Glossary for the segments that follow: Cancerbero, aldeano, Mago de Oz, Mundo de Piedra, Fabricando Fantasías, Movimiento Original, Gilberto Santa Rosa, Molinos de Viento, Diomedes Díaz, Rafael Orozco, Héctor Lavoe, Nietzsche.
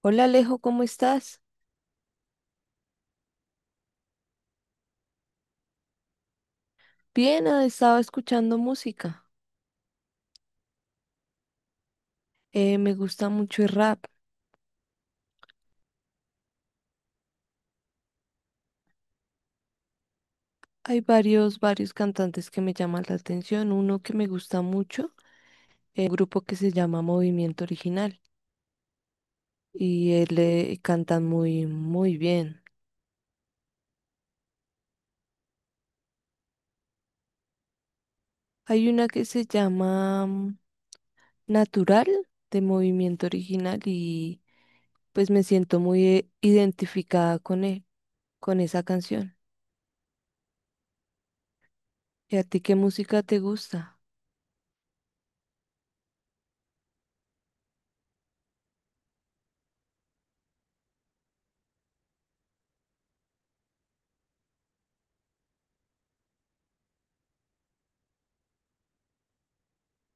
Hola Alejo, ¿cómo estás? Bien, estaba escuchando música. Me gusta mucho el rap. Hay varios cantantes que me llaman la atención. Uno que me gusta mucho, un grupo que se llama Movimiento Original y él cantan muy bien. Hay una que se llama Natural, de Movimiento Original, y pues me siento muy identificada con él, con esa canción. ¿Y a ti qué música te gusta?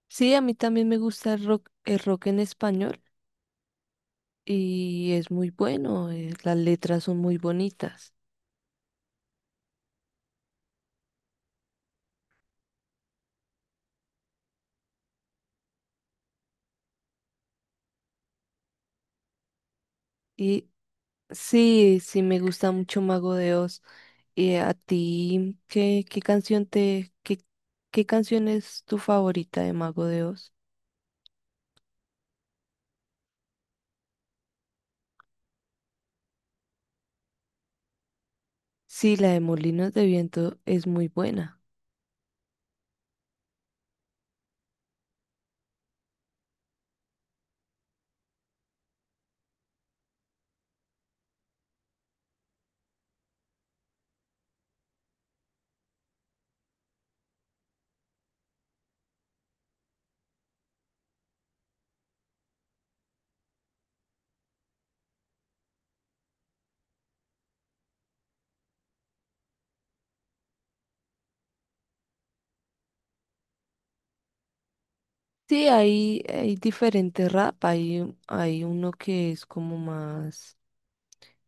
Sí, a mí también me gusta el rock en español, y es muy bueno, las letras son muy bonitas. Y sí, sí me gusta mucho Mago de Oz. ¿Y a ti qué canción qué canción es tu favorita de Mago de Oz? Sí, la de Molinos de Viento es muy buena. Sí, hay diferentes rap, hay uno que es como más,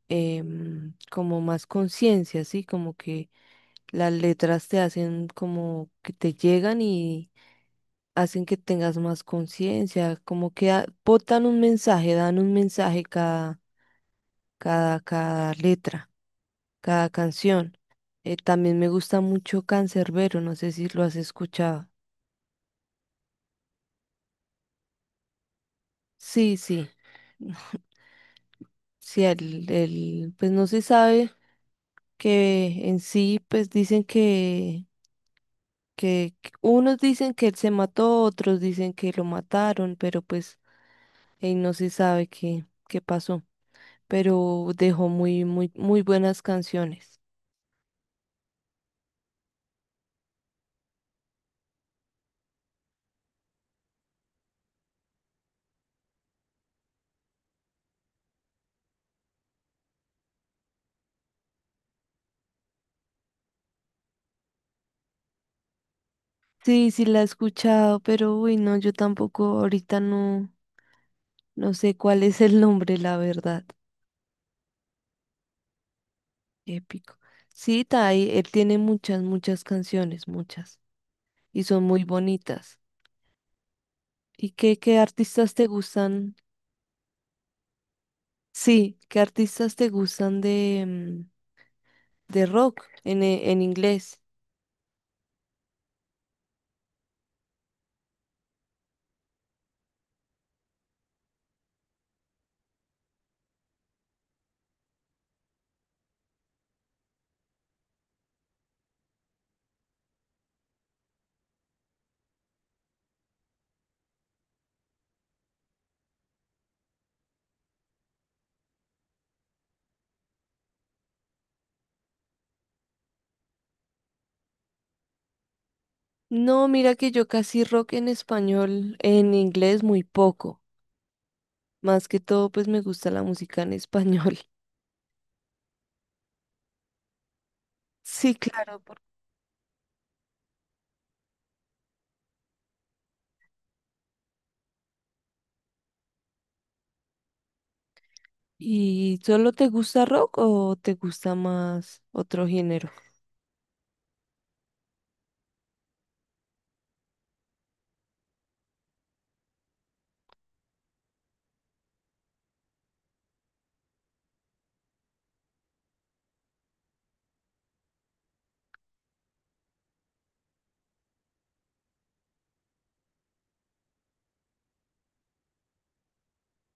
em, como más conciencia, sí, como que las letras te hacen como que te llegan, y hacen que tengas más conciencia, como que botan un mensaje, dan un mensaje cada cada letra, cada canción. También me gusta mucho Cancerbero, no sé si lo has escuchado. Sí, sí, sí, el, pues no se sabe que en sí, pues dicen que unos dicen que él se mató, otros dicen que lo mataron, pero pues no se sabe qué pasó. Pero dejó muy, muy buenas canciones. Sí, sí la he escuchado, pero uy, no, yo tampoco, ahorita no, no sé cuál es el nombre, la verdad. Épico. Sí, Tai, él tiene muchas canciones, muchas, y son muy bonitas. ¿Y qué artistas te gustan? Sí, ¿qué artistas te gustan de de rock en inglés? No, mira que yo casi rock en español, en inglés muy poco. Más que todo, pues me gusta la música en español. Sí, claro. ¿Y solo te gusta rock o te gusta más otro género?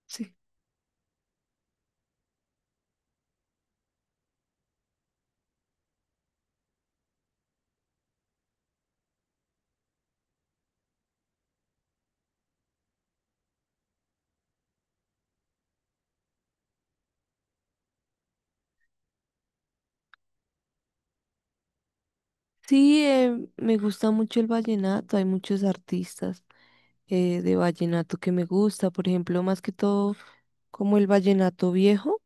Sí. Sí, me gusta mucho el vallenato. Hay muchos artistas de vallenato que me gusta. Por ejemplo, más que todo, como el vallenato viejo,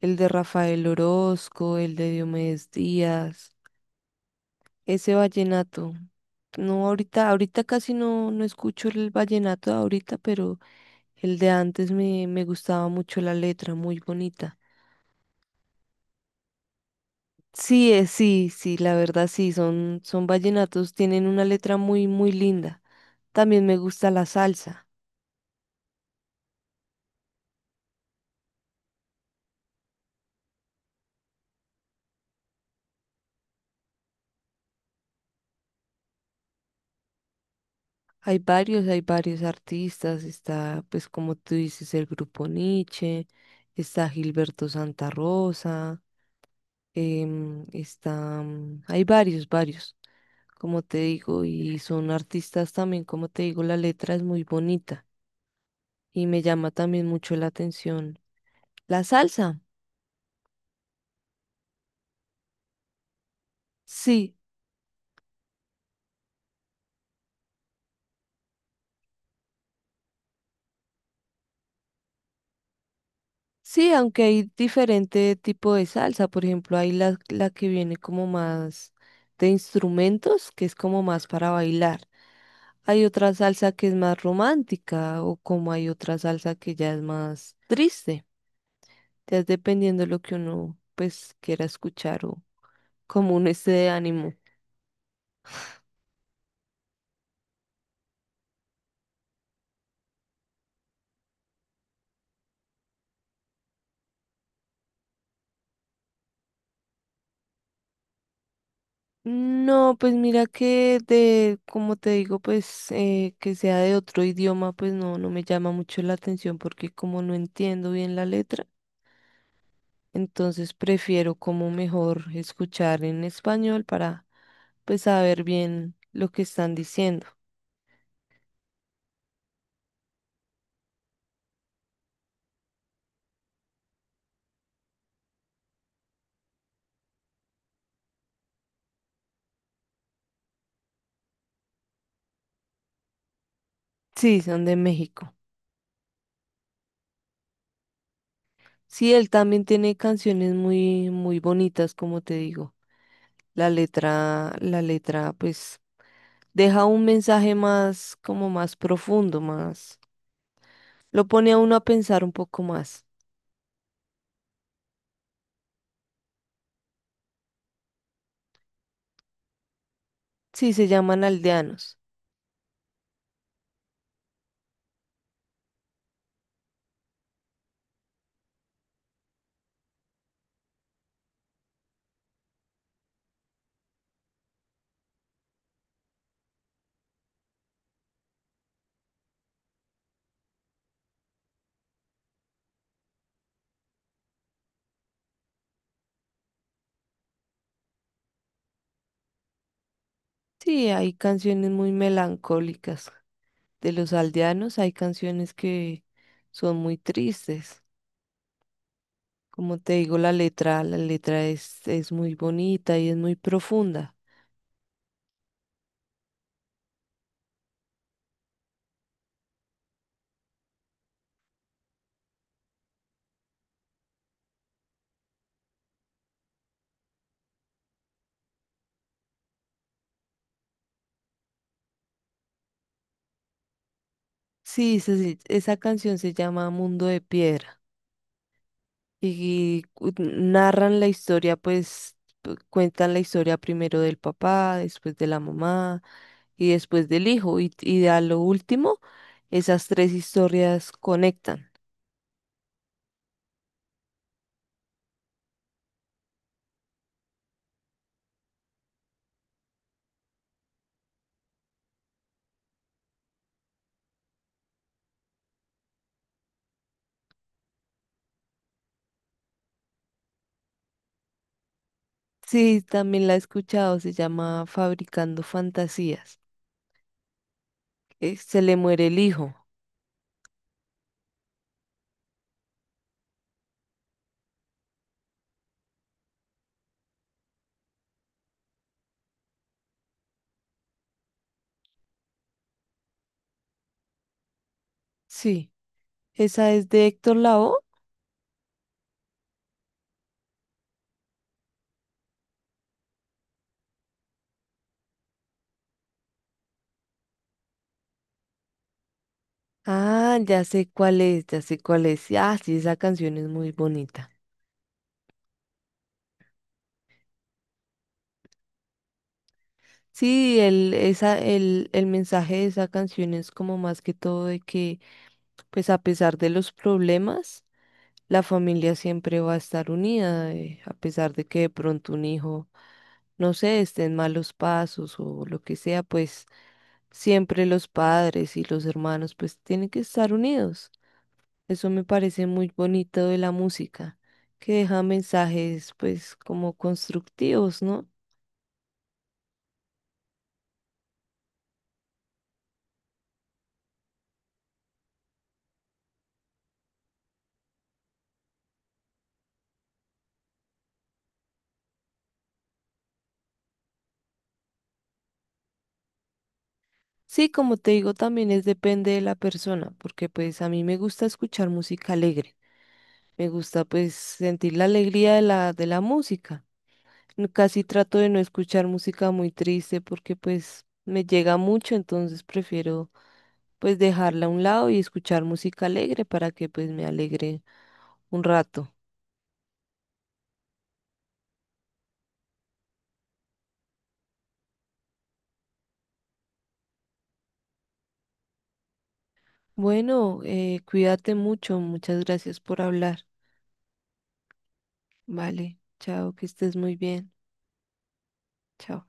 el de Rafael Orozco, el de Diomedes Díaz, ese vallenato. No, ahorita casi no, no escucho el vallenato de ahorita, pero el de antes me, me gustaba mucho. La letra, muy bonita. Sí, sí, sí, la verdad sí, son, son vallenatos, tienen una letra muy linda. También me gusta la salsa. Hay varios artistas. Está, pues como tú dices, el grupo Nietzsche, está Gilberto Santa Rosa, está, hay varios, como te digo, y son artistas también, como te digo, la letra es muy bonita, y me llama también mucho la atención la salsa, sí, sí, aunque hay diferente tipo de salsa. Por ejemplo, hay la que viene como más de instrumentos, que es como más para bailar. Hay otra salsa que es más romántica, o como hay otra salsa que ya es más triste, ya es dependiendo de lo que uno pues quiera escuchar, o como uno esté de ánimo. No, pues mira que de, como te digo, pues que sea de otro idioma, pues no, no me llama mucho la atención, porque como no entiendo bien la letra, entonces prefiero como mejor escuchar en español para pues saber bien lo que están diciendo. Sí, son de México. Sí, él también tiene canciones muy bonitas, como te digo. La letra, pues deja un mensaje más, como más profundo, más. Lo pone a uno a pensar un poco más. Sí, se llaman aldeanos. Sí, hay canciones muy melancólicas de los aldeanos, hay canciones que son muy tristes. Como te digo, la letra es muy bonita y es muy profunda. Sí, esa canción se llama Mundo de Piedra, y narran la historia, pues cuentan la historia primero del papá, después de la mamá y después del hijo, y a lo último esas tres historias conectan. Sí, también la he escuchado, se llama Fabricando Fantasías. Se le muere el hijo. Sí, esa es de Héctor Lavoe. Ah, ya sé cuál es, ya sé cuál es. Ah, sí, esa canción es muy bonita. Sí, el mensaje de esa canción es como más que todo de que, pues a pesar de los problemas, la familia siempre va a estar unida, a pesar de que de pronto un hijo, no sé, esté en malos pasos o lo que sea, pues siempre los padres y los hermanos pues tienen que estar unidos. Eso me parece muy bonito de la música, que deja mensajes pues como constructivos, ¿no? Sí, como te digo, también es depende de la persona, porque pues a mí me gusta escuchar música alegre, me gusta pues sentir la alegría de de la música. Casi trato de no escuchar música muy triste, porque pues me llega mucho, entonces prefiero pues dejarla a un lado y escuchar música alegre para que pues me alegre un rato. Bueno, cuídate mucho, muchas gracias por hablar. Vale, chao, que estés muy bien. Chao.